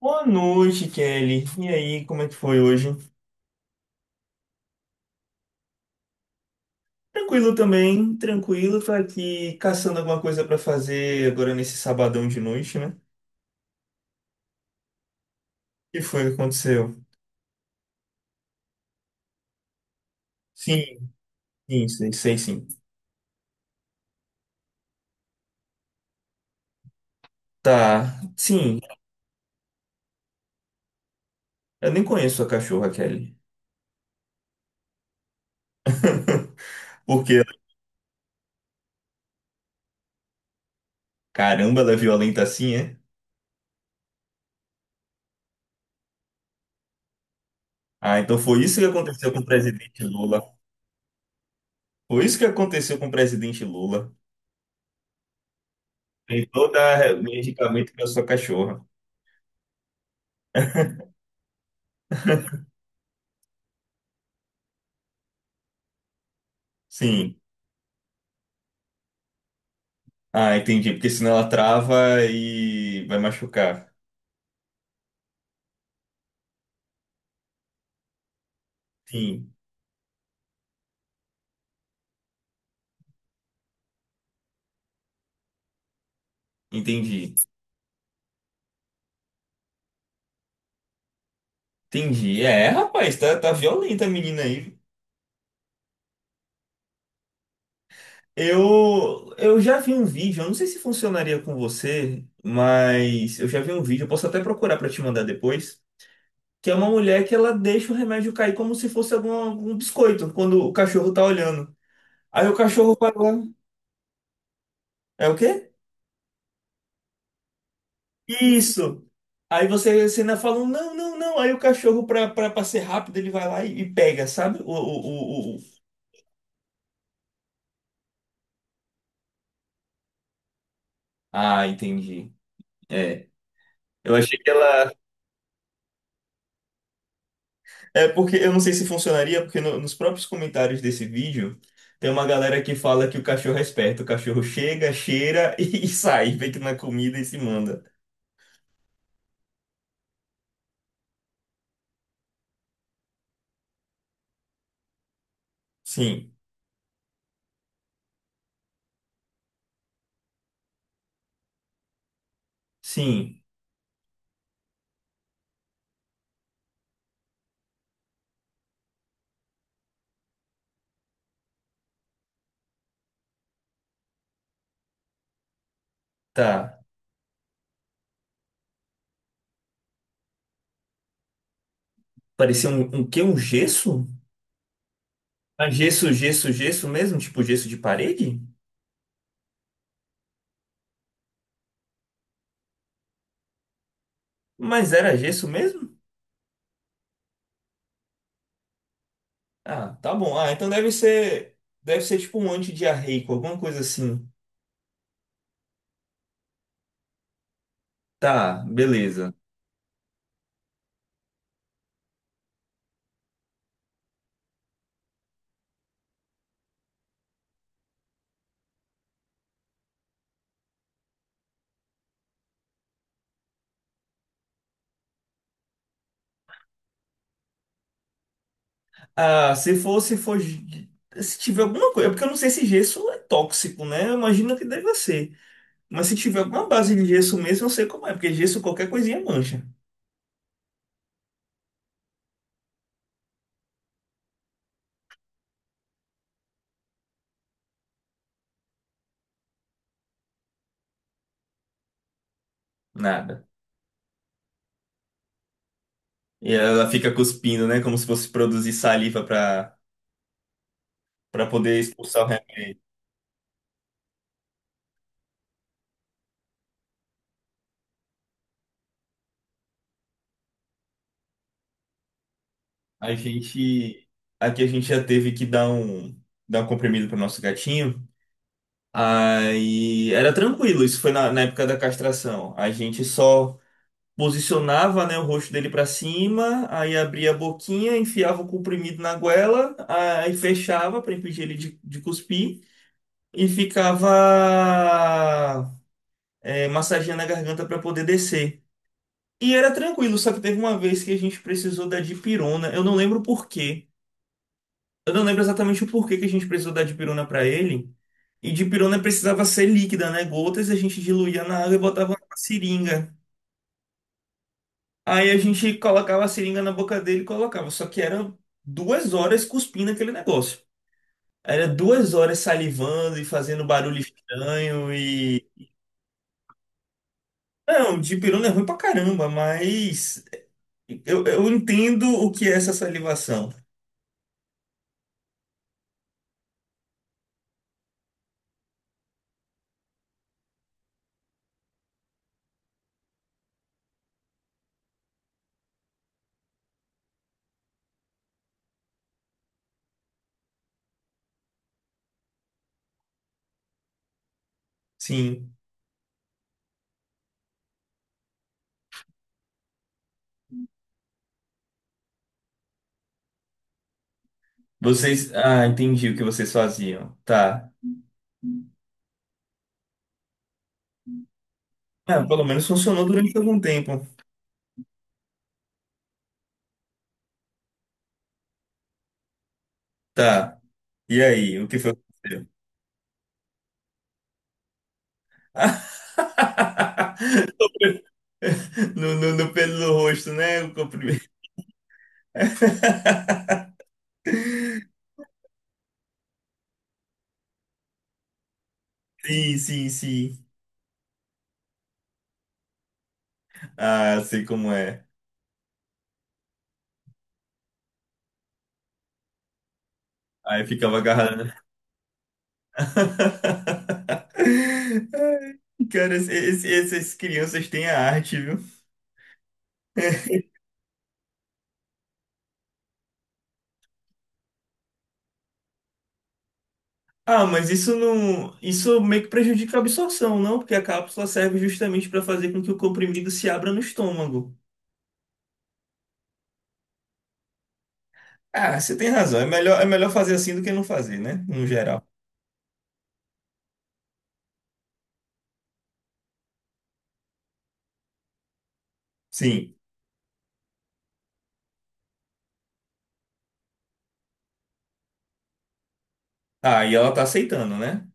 Boa noite, Kelly. E aí, como é que foi hoje? Tranquilo também, tranquilo. Tô aqui caçando alguma coisa pra fazer agora nesse sabadão de noite, né? O que foi que aconteceu? Sim, sim, sei, sei sim. Tá, sim. Eu nem conheço a cachorra, Kelly. Porque, caramba, ela é violenta assim, é? Ah, então foi isso que aconteceu com o presidente Lula. Foi isso que aconteceu com o presidente Lula. Tentou dar medicamento pra sua cachorra. Sim. Ah, entendi. Porque senão ela trava e vai machucar. Sim, entendi. Entendi. É, rapaz, tá, tá violenta a menina aí. Eu já vi um vídeo, eu não sei se funcionaria com você, mas eu já vi um vídeo, eu posso até procurar pra te mandar depois, que é uma mulher que ela deixa o remédio cair como se fosse algum biscoito, quando o cachorro tá olhando. Aí o cachorro vai lá. É o quê? Isso. Aí você ainda fala, não, não, não. Aí o cachorro, pra ser rápido, ele vai lá e pega, sabe? Ah, entendi. É. Eu achei que ela. É porque eu não sei se funcionaria, porque nos próprios comentários desse vídeo tem uma galera que fala que o cachorro é esperto. O cachorro chega, cheira sai, vê que na comida e se manda. Sim, sim, tá. Parecia um, um quê? Um gesso? Ah, gesso, gesso, gesso mesmo? Tipo gesso de parede? Mas era gesso mesmo? Ah, tá bom. Ah, então deve ser tipo um antidiarreico, alguma coisa assim. Tá, beleza. Ah, se for, se tiver alguma coisa, porque eu não sei se gesso é tóxico, né? Eu imagino que deve ser. Mas se tiver alguma base de gesso mesmo, eu sei como é, porque gesso qualquer coisinha mancha. Nada. E ela fica cuspindo, né? Como se fosse produzir saliva para para poder expulsar o remédio. A gente, aqui a gente já teve que dar dar um comprimido para nosso gatinho. Aí era tranquilo, isso foi na época da castração. A gente só posicionava, né, o rosto dele para cima, aí abria a boquinha, enfiava o comprimido na goela, aí fechava para impedir ele de cuspir e ficava massageando a garganta para poder descer. E era tranquilo, só que teve uma vez que a gente precisou da dipirona, eu não lembro por quê. Eu não lembro exatamente o porquê que a gente precisou dar dipirona pra ele. E dipirona precisava ser líquida, né? Gotas, a gente diluía na água e botava na seringa. Aí a gente colocava a seringa na boca dele e colocava. Só que eram duas horas cuspindo aquele negócio. Era duas horas salivando e fazendo barulho estranho e... Não, dipirona é ruim pra caramba, mas eu entendo o que é essa salivação. Sim. Vocês... Ah, entendi o que vocês faziam. Tá. Ah, pelo menos funcionou durante algum tempo. Tá. E aí, o que foi que aconteceu? No pelo do rosto, né? O comprimento. Sim, sim, sim. Ah, sei como é. Aí ficava agarrado. Cara, essas crianças têm a arte, viu? Ah, mas isso não, isso meio que prejudica a absorção, não? Porque a cápsula serve justamente para fazer com que o comprimido se abra no estômago. Ah, você tem razão. É melhor fazer assim do que não fazer, né? No geral. Sim. Ah, e ela tá aceitando, né?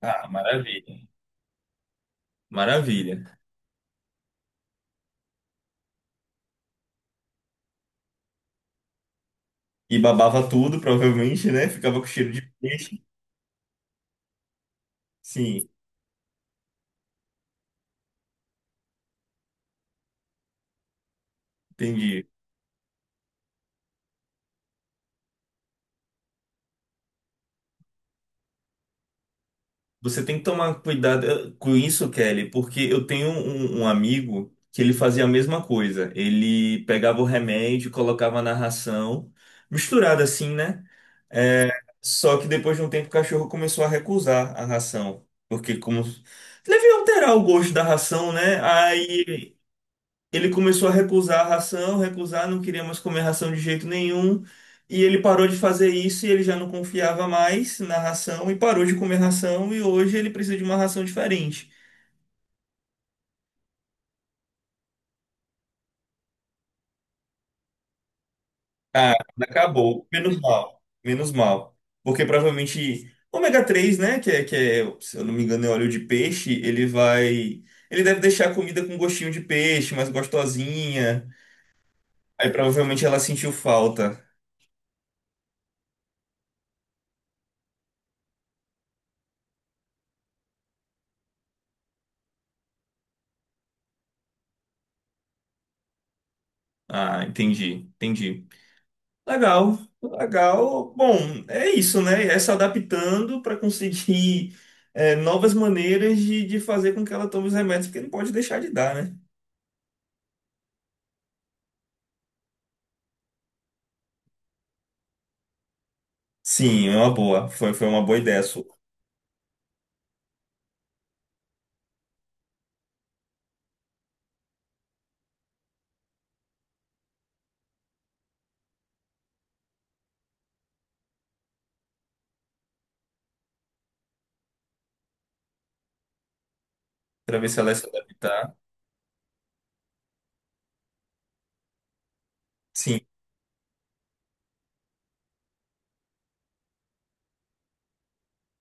Ah, maravilha. Maravilha. E babava tudo, provavelmente, né? Ficava com cheiro de peixe. Sim, entendi. Você tem que tomar cuidado com isso, Kelly, porque eu tenho um amigo que ele fazia a mesma coisa. Ele pegava o remédio, colocava na ração, misturado assim, né? É, só que depois de um tempo o cachorro começou a recusar a ração. Porque como deve alterar o gosto da ração, né? Aí ele começou a recusar a ração, recusar, não queria mais comer ração de jeito nenhum. E ele parou de fazer isso e ele já não confiava mais na ração e parou de comer ração. E hoje ele precisa de uma ração diferente. Ah, acabou. Menos mal. Menos mal. Porque provavelmente ômega 3, né? Se eu não me engano, é óleo de peixe. Ele vai. Ele deve deixar a comida com gostinho de peixe, mais gostosinha. Aí provavelmente ela sentiu falta. Ah, entendi. Entendi. Legal, legal. Bom, é isso, né? É se adaptando para conseguir novas maneiras de fazer com que ela tome os remédios, porque não pode deixar de dar, né? Sim, é uma boa. Foi, foi uma boa ideia sua. Para ver se ela ia se adaptar. Sim,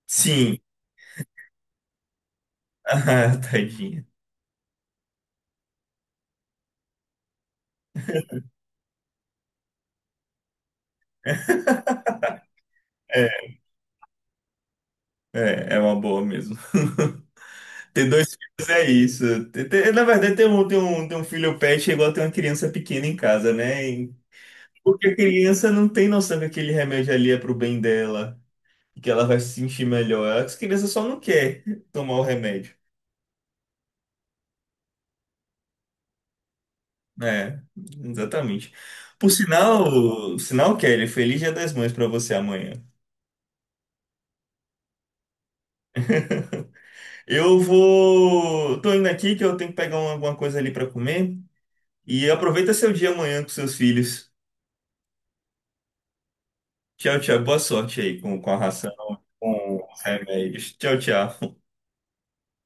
sim. Ah, tadinha. É, é é uma boa mesmo. Ter dois filhos é isso. Na verdade, ter um filho pet é igual ter uma criança pequena em casa, né? E- Porque a criança não tem noção que aquele remédio ali é pro bem dela. Que ela vai se sentir melhor. As crianças só não quer tomar o remédio. É, exatamente. Sinal, Kelly, feliz Dia das Mães pra você amanhã. Tô indo aqui que eu tenho que pegar alguma coisa ali pra comer e aproveita seu dia amanhã com seus filhos. Tchau, tchau. Boa sorte aí com a ração, com os remédios. Tchau, tchau.